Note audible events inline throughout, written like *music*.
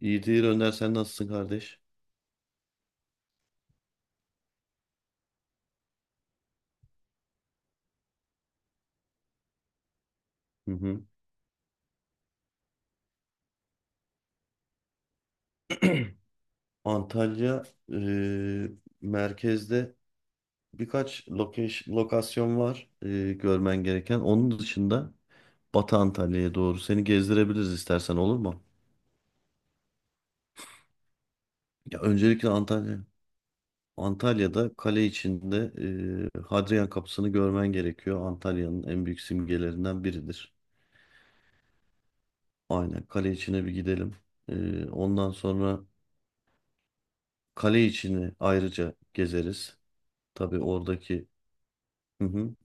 İyidir Önder, sen nasılsın kardeş? Hı hı. Antalya e, merkezde birkaç lokasyon var görmen gereken. Onun dışında Batı Antalya'ya doğru seni gezdirebiliriz istersen, olur mu? Ya öncelikle Antalya. Antalya'da kale içinde Hadrian Kapısı'nı görmen gerekiyor. Antalya'nın en büyük simgelerinden biridir. Aynen, kale içine bir gidelim. Ondan sonra kale içini ayrıca gezeriz. Tabii oradaki... Hı hı.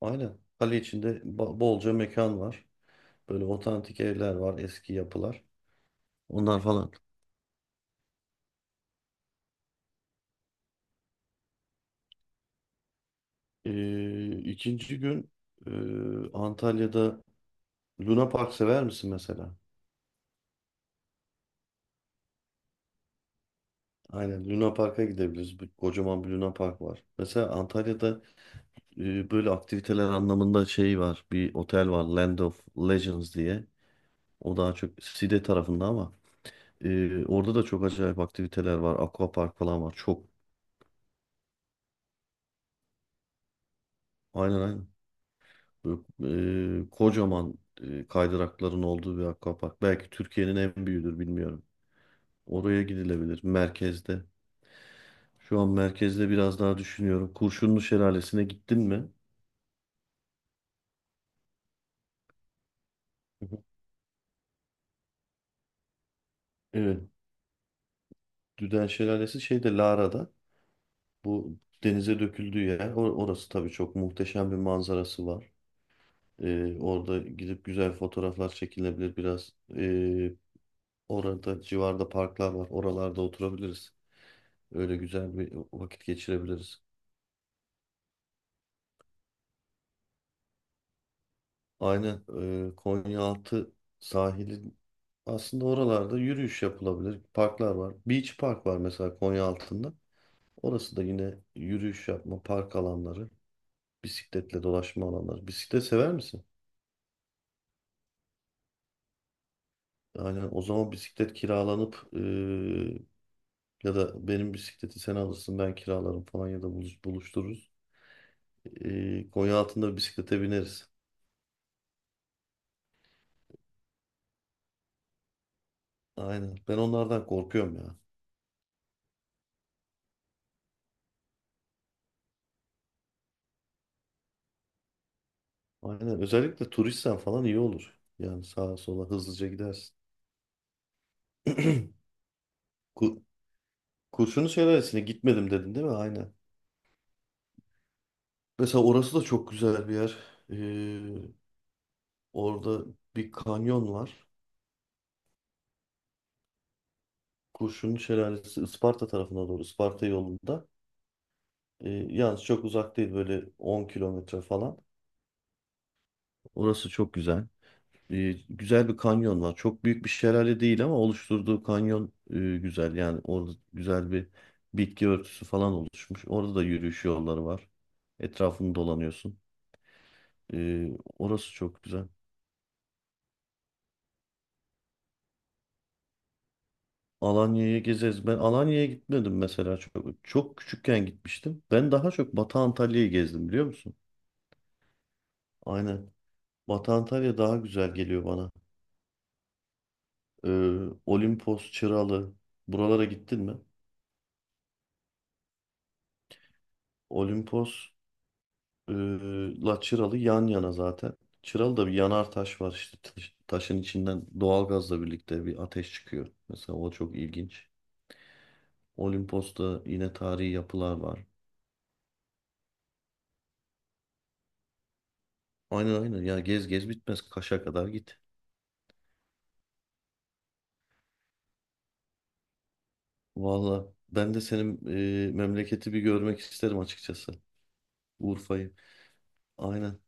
Aynen. Kale içinde bolca mekan var. Böyle otantik evler var, eski yapılar. Onlar falan. İkinci gün e, Antalya'da Luna Park sever misin mesela? Aynen, Luna Park'a gidebiliriz. Kocaman bir Luna Park var. Mesela Antalya'da böyle aktiviteler anlamında şey var. Bir otel var, Land of Legends diye. O daha çok Side tarafında ama orada da çok acayip aktiviteler var. Aquapark falan var. Çok. Aynen aynen. Böyle, kocaman kaydırakların olduğu bir akvapark. Belki Türkiye'nin en büyüğüdür, bilmiyorum. Oraya gidilebilir merkezde. Şu an merkezde biraz daha düşünüyorum. Kurşunlu Şelalesi'ne gittin mi? Hı hı. Evet. Düden Şelalesi şeyde, Lara'da. Bu denize döküldüğü yer. Orası tabii çok muhteşem, bir manzarası var. Orada gidip güzel fotoğraflar çekilebilir biraz. Orada civarda parklar var. Oralarda oturabiliriz. Öyle güzel bir vakit geçirebiliriz. Aynen. Konyaaltı sahili, aslında oralarda yürüyüş yapılabilir. Parklar var. Beach Park var mesela Konyaaltı'nda. Orası da yine yürüyüş yapma, park alanları, bisikletle dolaşma alanları. Bisiklet sever misin? Yani o zaman bisiklet kiralanıp ya da benim bisikleti sen alırsın, ben kiralarım falan, ya da buluştururuz. Konyaaltı'nda bisiklete bineriz. Aynen. Ben onlardan korkuyorum ya. Aynen. Özellikle turistsen falan iyi olur. Yani sağa sola hızlıca gidersin. *clears throat* Ku- Kurşunlu Şelalesi'ne gitmedim dedin, değil mi? Aynen. Mesela orası da çok güzel bir yer. Ee, Orada bir kanyon var. Kurşunlu Şelalesi Isparta tarafına doğru. Isparta yolunda. Yalnız çok uzak değil. Böyle 10 kilometre falan. Orası çok güzel. Güzel bir kanyon var. Çok büyük bir şelale değil, ama oluşturduğu kanyon güzel. Yani orada güzel bir bitki örtüsü falan oluşmuş. Orada da yürüyüş yolları var. Etrafını dolanıyorsun. Ee, Orası çok güzel. Alanya'ya gezeriz. Ben Alanya'ya gitmedim mesela çok. Çok küçükken gitmiştim. Ben daha çok Batı Antalya'yı gezdim, biliyor musun? Aynen. Batı Antalya daha güzel geliyor bana. Olimpos, Çıralı. Buralara gittin mi? Olimpos e, la Çıralı yan yana zaten. Çıralı'da bir yanar taş var işte. Taşın içinden doğalgazla birlikte bir ateş çıkıyor. Mesela o çok ilginç. Olimpos'ta yine tarihi yapılar var. Aynen aynen. Ya gez gez bitmez. Kaş'a kadar git. Valla ben de senin memleketi bir görmek isterim açıkçası. Urfa'yı. Aynen.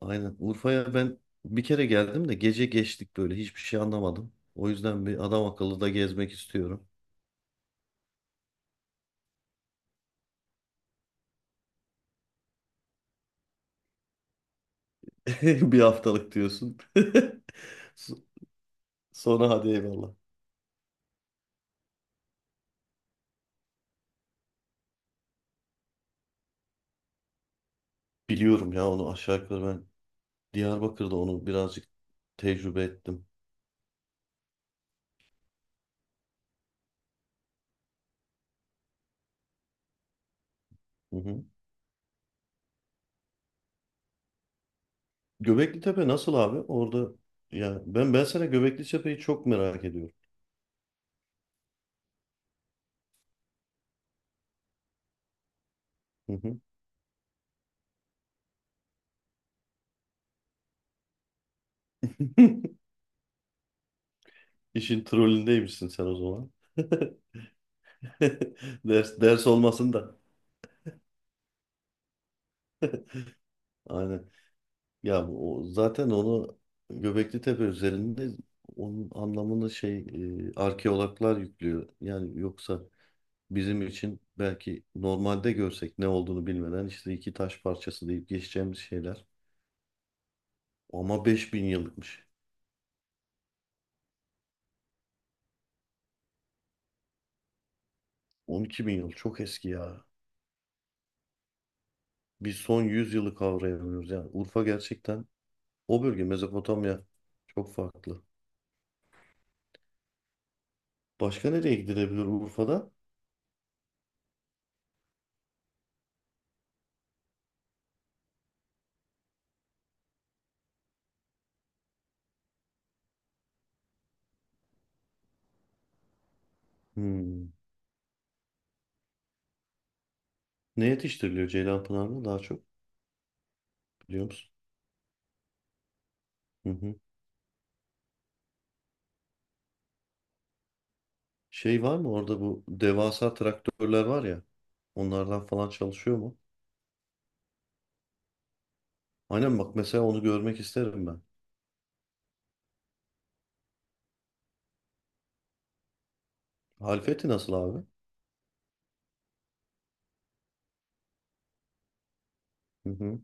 Aynen. Urfa'ya ben bir kere geldim de gece geçtik, böyle hiçbir şey anlamadım. O yüzden bir adam akıllı da gezmek istiyorum. *laughs* Bir haftalık diyorsun. *laughs* So- Sonra hadi eyvallah. Biliyorum ya, onu aşağı yukarı ben Diyarbakır'da onu birazcık tecrübe ettim. Hı hı. Göbekli Tepe nasıl abi? Orada, ya ben sana Göbekli Tepe'yi çok merak ediyorum. Hı hı. *laughs* İşin trollündeymişsin sen o zaman. *laughs* Ders ders olmasın da. Aynen. Ya o, zaten onu Göbekli Tepe üzerinde, onun anlamını şey arkeologlar yüklüyor. Yani yoksa bizim için belki normalde görsek, ne olduğunu bilmeden işte iki taş parçası deyip geçeceğimiz şeyler. Ama 5.000 yıllıkmış. 12 bin yıl çok eski ya. Biz son 100 yılı kavrayamıyoruz. Yani Urfa gerçekten, o bölge Mezopotamya, çok farklı. Başka nereye gidilebilir Urfa'da? Hmm. Ne yetiştiriliyor Ceylanpınar'da daha çok, biliyor musun? Hı hı. Şey var mı orada, bu devasa traktörler var ya, onlardan falan çalışıyor mu? Aynen, bak mesela onu görmek isterim ben. Halfeti nasıl abi? Hı hı.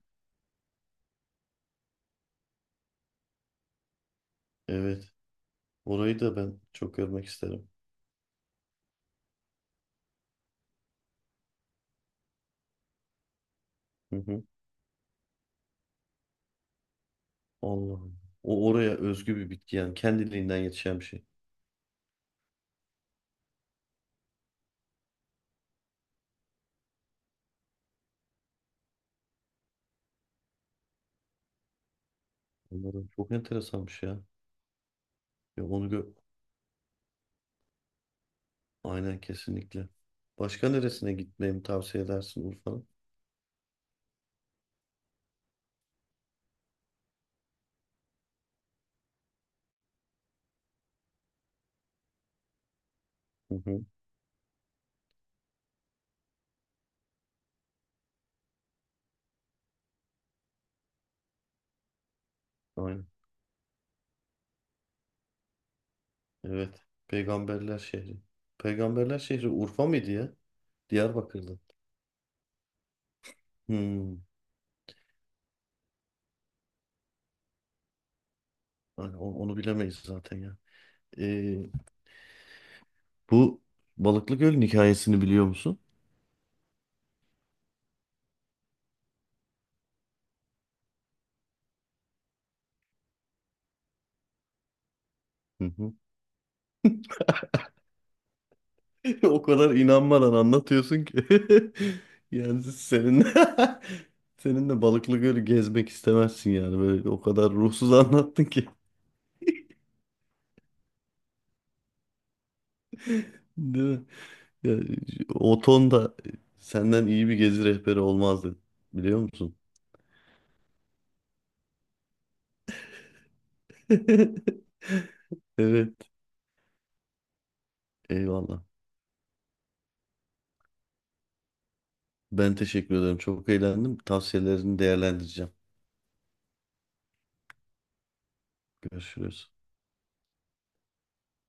Evet. Orayı da ben çok görmek isterim. Hı hı. Allah'ım. O oraya özgü bir bitki yani, kendiliğinden yetişen bir şey. Onların çok enteresanmış ya. Ya onu gö Aynen, kesinlikle. Başka neresine gitmemi tavsiye edersin Urfa'nın? Hı hı. Aynen. Evet. Peygamberler şehri. Peygamberler şehri Urfa mıydı ya? Diyarbakır'da. Hmm. Aynen, onu bilemeyiz zaten ya. Ee, Bu Balıklı Göl'ün hikayesini biliyor musun? Hı hı. *laughs* O kadar inanmadan anlatıyorsun ki. *laughs* Yani senin *laughs* seninle Balıklı Göl'ü gezmek istemezsin yani. Böyle o kadar ruhsuz anlattın ki. Değil mi? Yani, o ton da senden iyi bir gezi rehberi olmazdı. Biliyor musun? *laughs* Evet. Eyvallah. Ben teşekkür ederim. Çok eğlendim. Tavsiyelerini değerlendireceğim. Görüşürüz.